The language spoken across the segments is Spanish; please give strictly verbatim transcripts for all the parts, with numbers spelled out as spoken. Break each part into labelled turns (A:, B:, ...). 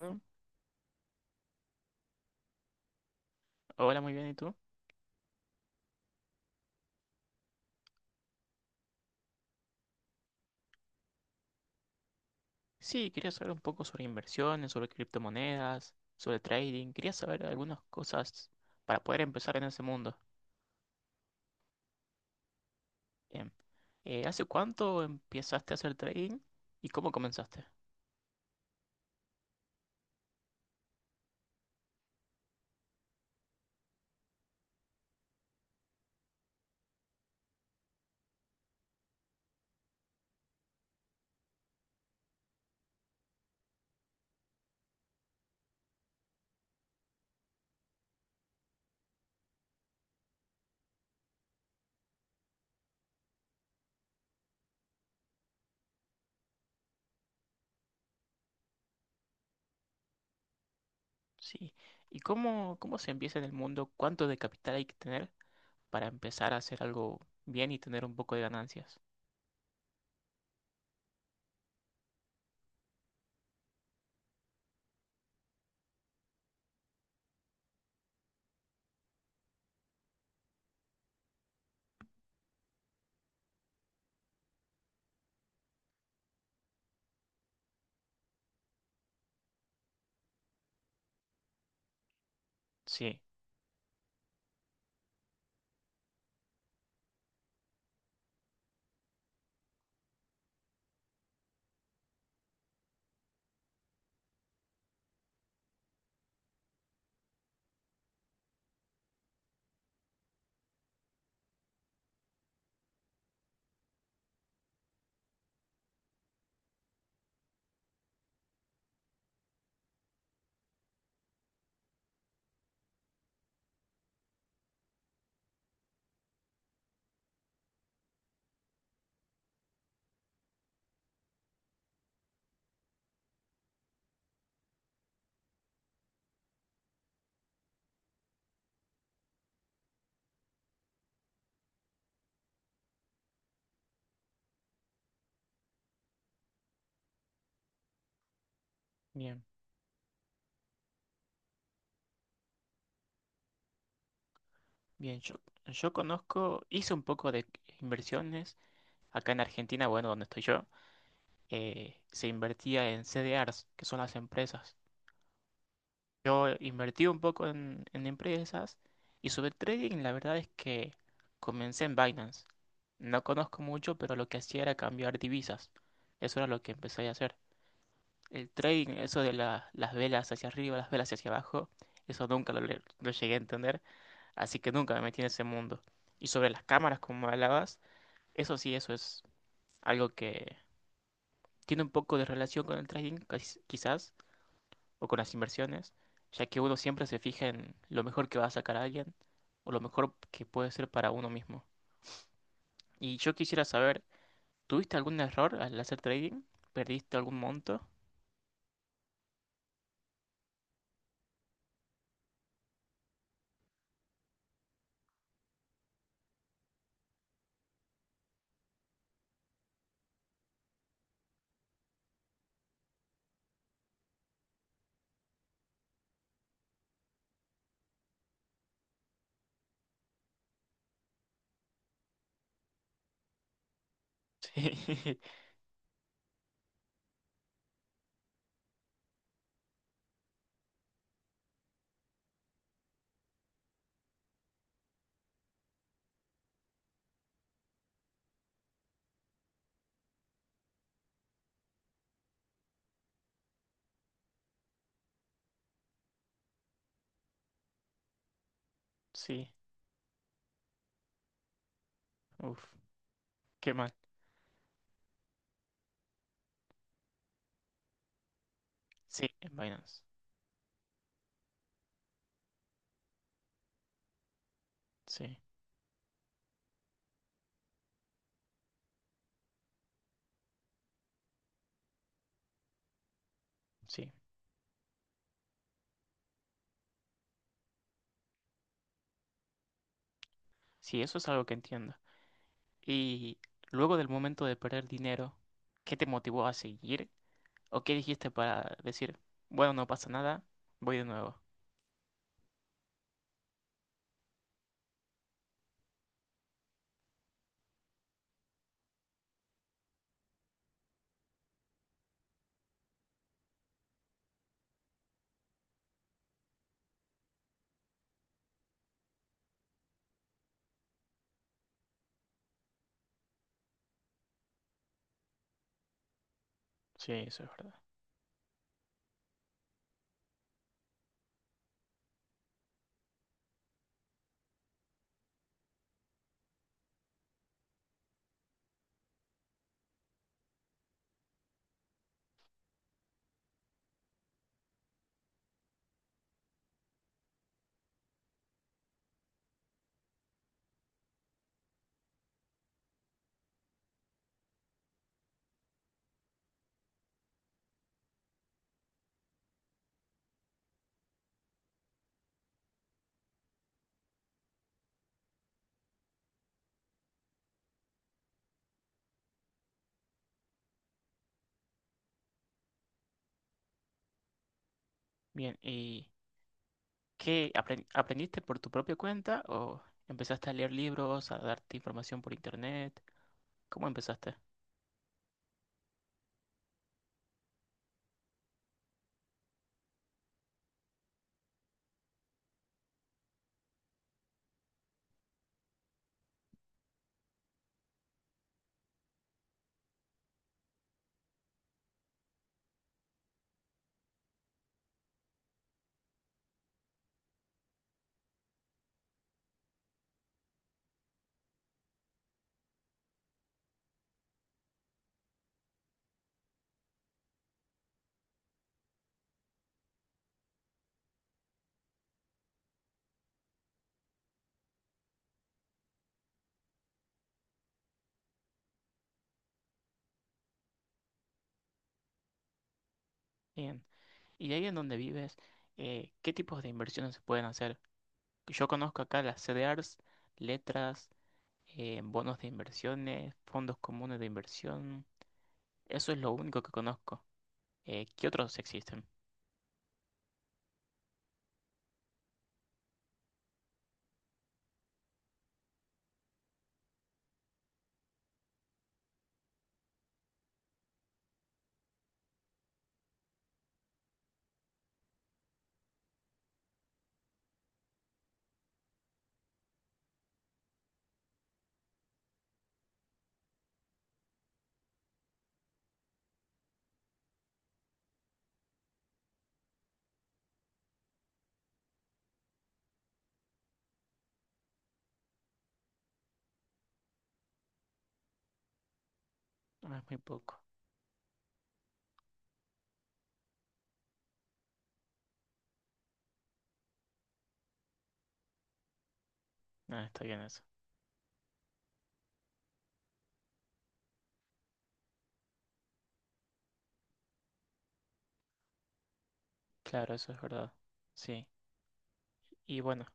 A: Mm. Hola, muy bien, ¿y tú? Sí, quería saber un poco sobre inversiones, sobre criptomonedas, sobre trading. Quería saber algunas cosas para poder empezar en ese mundo. Bien. Eh, ¿hace cuánto empezaste a hacer trading y cómo comenzaste? Sí. ¿Y cómo, cómo se empieza en el mundo? ¿Cuánto de capital hay que tener para empezar a hacer algo bien y tener un poco de ganancias? Sí, bien, bien. Yo, yo conozco, hice un poco de inversiones acá en Argentina, bueno, donde estoy yo. Eh, se invertía en C D Rs, que son las empresas. Yo invertí un poco en, en empresas y sobre trading la verdad es que comencé en Binance. No conozco mucho, pero lo que hacía era cambiar divisas. Eso era lo que empecé a hacer. El trading, eso de la- las velas hacia arriba, las velas hacia abajo, eso nunca lo, le- lo llegué a entender, así que nunca me metí en ese mundo. Y sobre las cámaras, como hablabas, eso sí, eso es algo que tiene un poco de relación con el trading, quis- quizás, o con las inversiones, ya que uno siempre se fija en lo mejor que va a sacar a alguien o lo mejor que puede ser para uno mismo. Y yo quisiera saber, ¿tuviste algún error al hacer trading? ¿Perdiste algún monto? Sí, sí. Uf, qué mal. Sí, en Binance. Sí, sí. Sí, eso es algo que entiendo. Y luego del momento de perder dinero, ¿qué te motivó a seguir? ¿O qué dijiste para decir, bueno, no pasa nada, voy de nuevo? Sí, eso es verdad. Bien, y... ¿Qué apren- aprendiste por tu propia cuenta o empezaste a leer libros, a darte información por internet? ¿Cómo empezaste? Bien. Y de ahí en donde vives, eh, ¿qué tipos de inversiones se pueden hacer? Yo conozco acá las C D Rs, letras, eh, bonos de inversiones, fondos comunes de inversión. Eso es lo único que conozco. Eh, ¿qué otros existen? Ah, es muy poco. Ah, está bien eso. Claro, eso es verdad. Sí. Y bueno,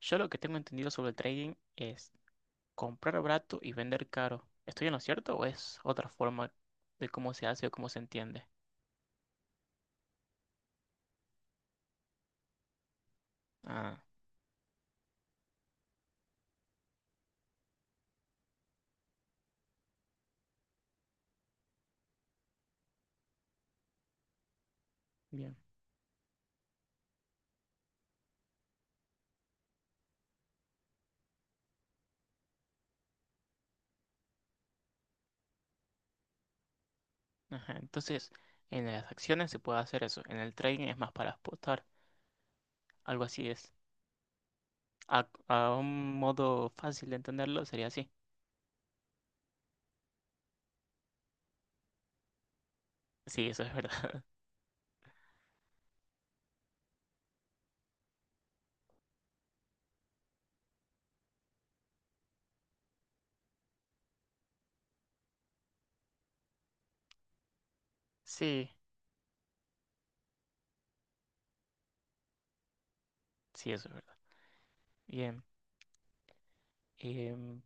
A: yo lo que tengo entendido sobre el trading es comprar barato y vender caro. ¿Estoy en lo cierto o es otra forma de cómo se hace o cómo se entiende? Ah, bien. Ajá. Entonces, en las acciones se puede hacer eso. En el trading es más para apostar. Algo así es. A, a un modo fácil de entenderlo sería así. Sí, eso es verdad. Sí, sí, eso es verdad. Bien. Em,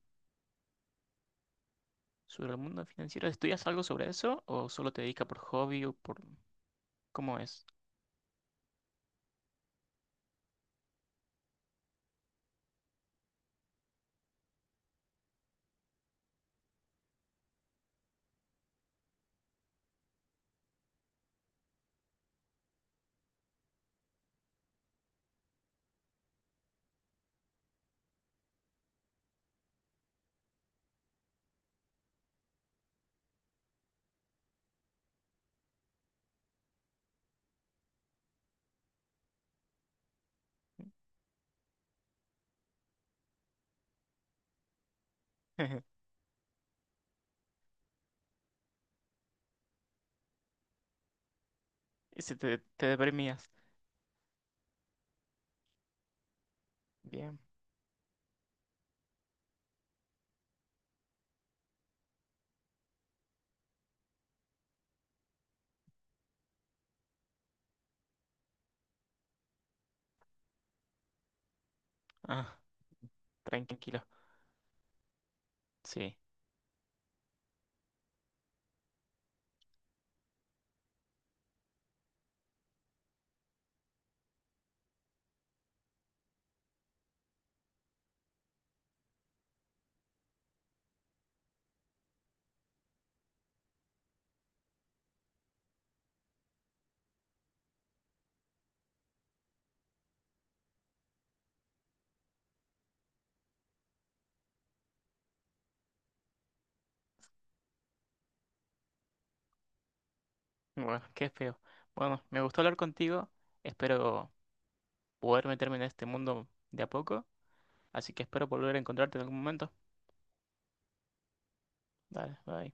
A: sobre el mundo financiero, ¿estudias algo sobre eso o solo te dedicas por hobby o por... ¿Cómo es? Y si te, te deprimías. Bien. Ah, tranquilo. Sí. Bueno, qué feo. Bueno, me gustó hablar contigo. Espero poder meterme en este mundo de a poco. Así que espero volver a encontrarte en algún momento. Dale, bye.